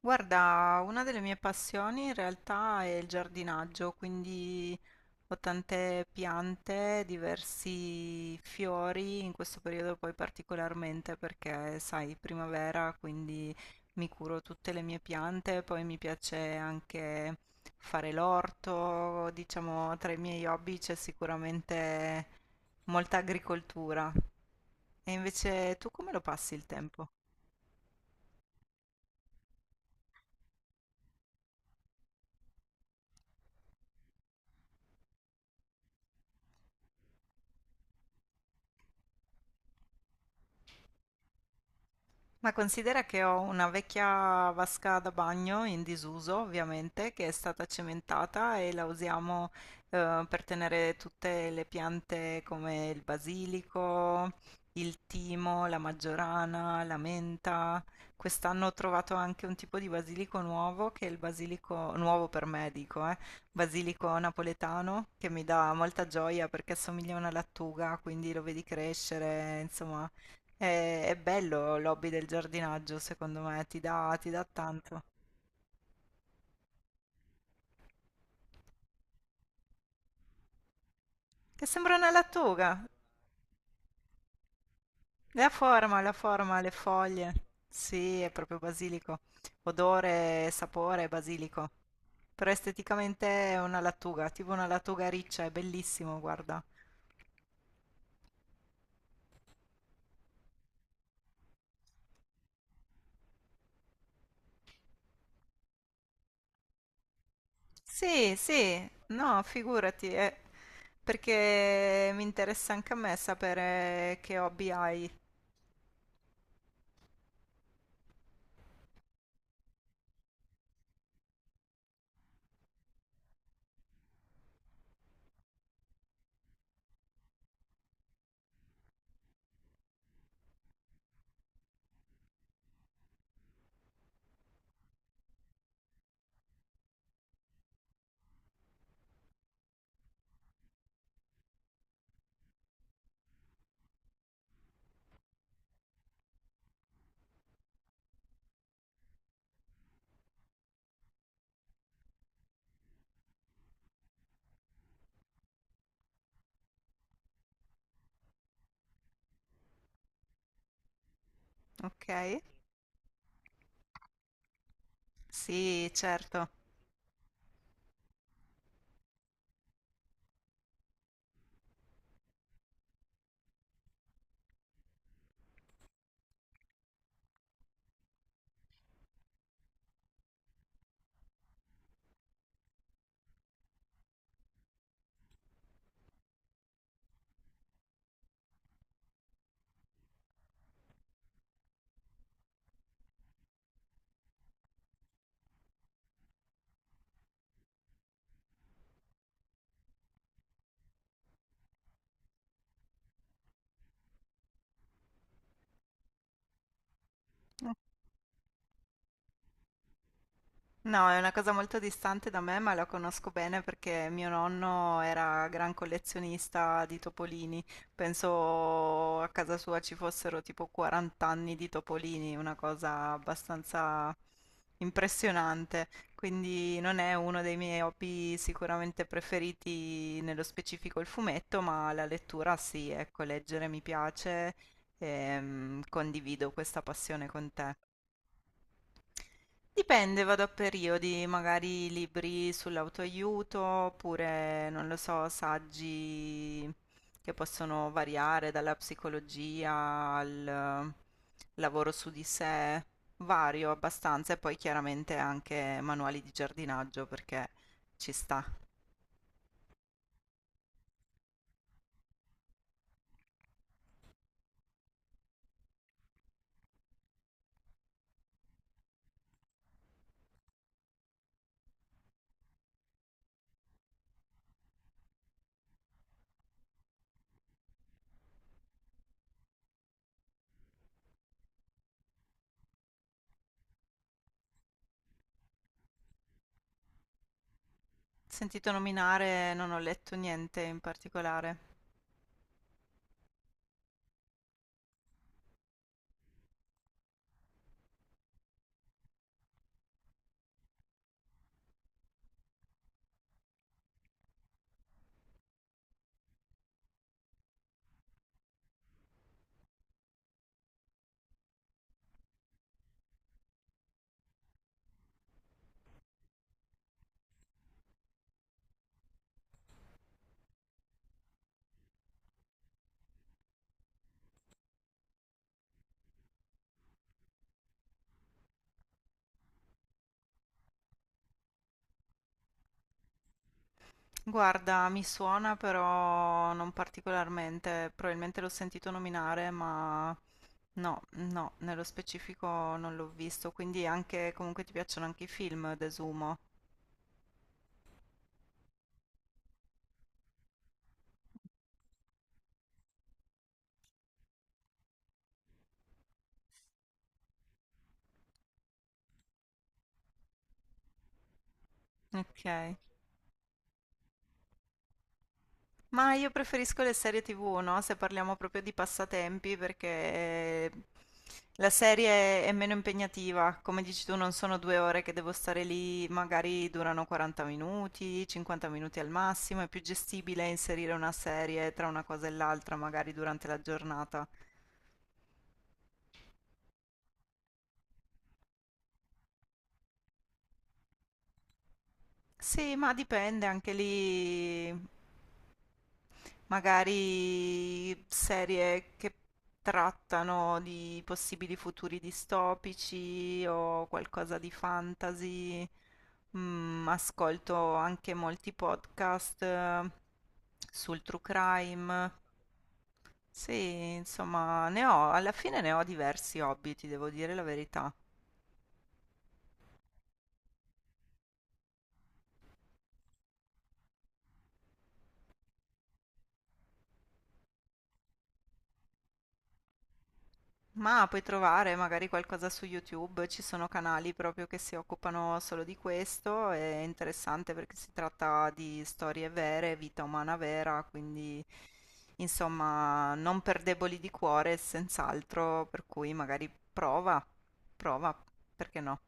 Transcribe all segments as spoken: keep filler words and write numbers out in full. Guarda, una delle mie passioni in realtà è il giardinaggio, quindi ho tante piante, diversi fiori, in questo periodo poi particolarmente perché, sai, primavera, quindi mi curo tutte le mie piante, poi mi piace anche fare l'orto, diciamo, tra i miei hobby c'è sicuramente molta agricoltura. E invece tu come lo passi il tempo? Ma considera che ho una vecchia vasca da bagno in disuso, ovviamente, che è stata cementata e la usiamo eh, per tenere tutte le piante come il basilico, il timo, la maggiorana, la menta. Quest'anno ho trovato anche un tipo di basilico nuovo, che è il basilico nuovo per me, dico, eh, basilico napoletano, che mi dà molta gioia perché assomiglia a una lattuga, quindi lo vedi crescere, insomma. È, è bello l'hobby del giardinaggio, secondo me, ti dà, ti dà tanto. Che sembra una lattuga. La forma, la forma, le foglie. Sì, è proprio basilico. Odore, sapore, basilico. Però esteticamente è una lattuga, tipo una lattuga riccia, è bellissimo, guarda. Sì, sì, no, figurati, eh, perché mi interessa anche a me sapere che hobby hai, ok? Sì, certo. No, è una cosa molto distante da me, ma la conosco bene perché mio nonno era gran collezionista di topolini. Penso a casa sua ci fossero tipo quaranta anni di topolini, una cosa abbastanza impressionante. Quindi non è uno dei miei hobby sicuramente preferiti, nello specifico il fumetto, ma la lettura sì, ecco, leggere mi piace e condivido questa passione con te. Dipende, vado a periodi, magari libri sull'autoaiuto, oppure, non lo so, saggi che possono variare dalla psicologia al lavoro su di sé, vario abbastanza, e poi chiaramente anche manuali di giardinaggio perché ci sta. Sentito nominare, non ho letto niente in particolare. Guarda, mi suona però non particolarmente, probabilmente l'ho sentito nominare, ma no, no, nello specifico non l'ho visto, quindi anche comunque ti piacciono anche i film, desumo. Ok. Ma io preferisco le serie T V, no? Se parliamo proprio di passatempi, perché eh, la serie è meno impegnativa. Come dici tu, non sono due ore che devo stare lì, magari durano quaranta minuti, cinquanta minuti al massimo. È più gestibile inserire una serie tra una cosa e l'altra, magari durante la giornata. Sì, ma dipende anche lì. Magari serie che trattano di possibili futuri distopici o qualcosa di fantasy. Mm, ascolto anche molti podcast eh, sul true crime. Sì, insomma, ne ho, alla fine ne ho diversi hobby, ti devo dire la verità. Ma puoi trovare magari qualcosa su YouTube, ci sono canali proprio che si occupano solo di questo, è interessante perché si tratta di storie vere, vita umana vera, quindi insomma non per deboli di cuore, senz'altro, per cui magari prova, prova, perché no?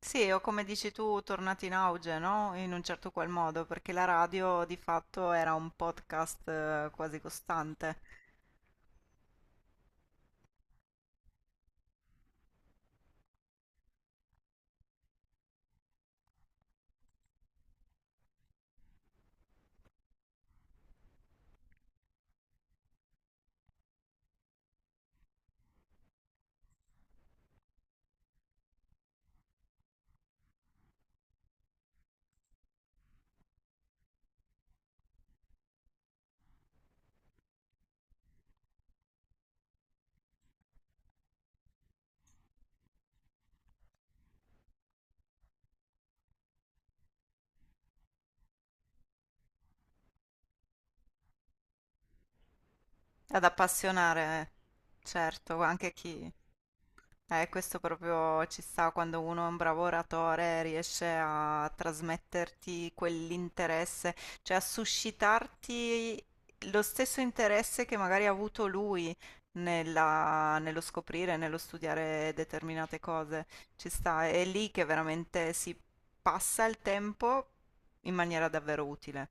Sì, o come dici tu, tornati in auge, no? In un certo qual modo, perché la radio di fatto era un podcast eh, quasi costante. Ad appassionare, certo, anche chi... Eh, questo proprio ci sta quando uno è un bravo oratore, riesce a trasmetterti quell'interesse, cioè a suscitarti lo stesso interesse che magari ha avuto lui nella- nello scoprire, nello studiare determinate cose. Ci sta, è lì che veramente si passa il tempo in maniera davvero utile.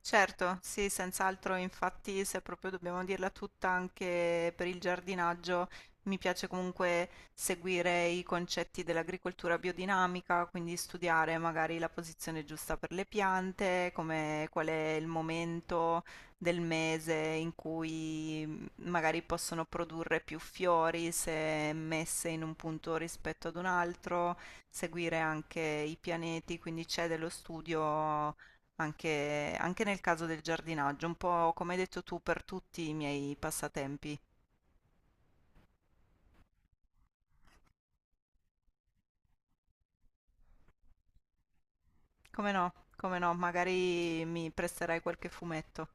Certo, sì, senz'altro, infatti se proprio dobbiamo dirla tutta anche per il giardinaggio, mi piace comunque seguire i concetti dell'agricoltura biodinamica, quindi studiare magari la posizione giusta per le piante, come, qual è il momento del mese in cui mm, magari possono produrre più fiori se messe in un punto rispetto ad un altro, seguire anche i pianeti, quindi c'è dello studio anche, anche nel caso del giardinaggio, un po' come hai detto tu per tutti i miei passatempi. Come no, come no, magari mi presterai qualche fumetto.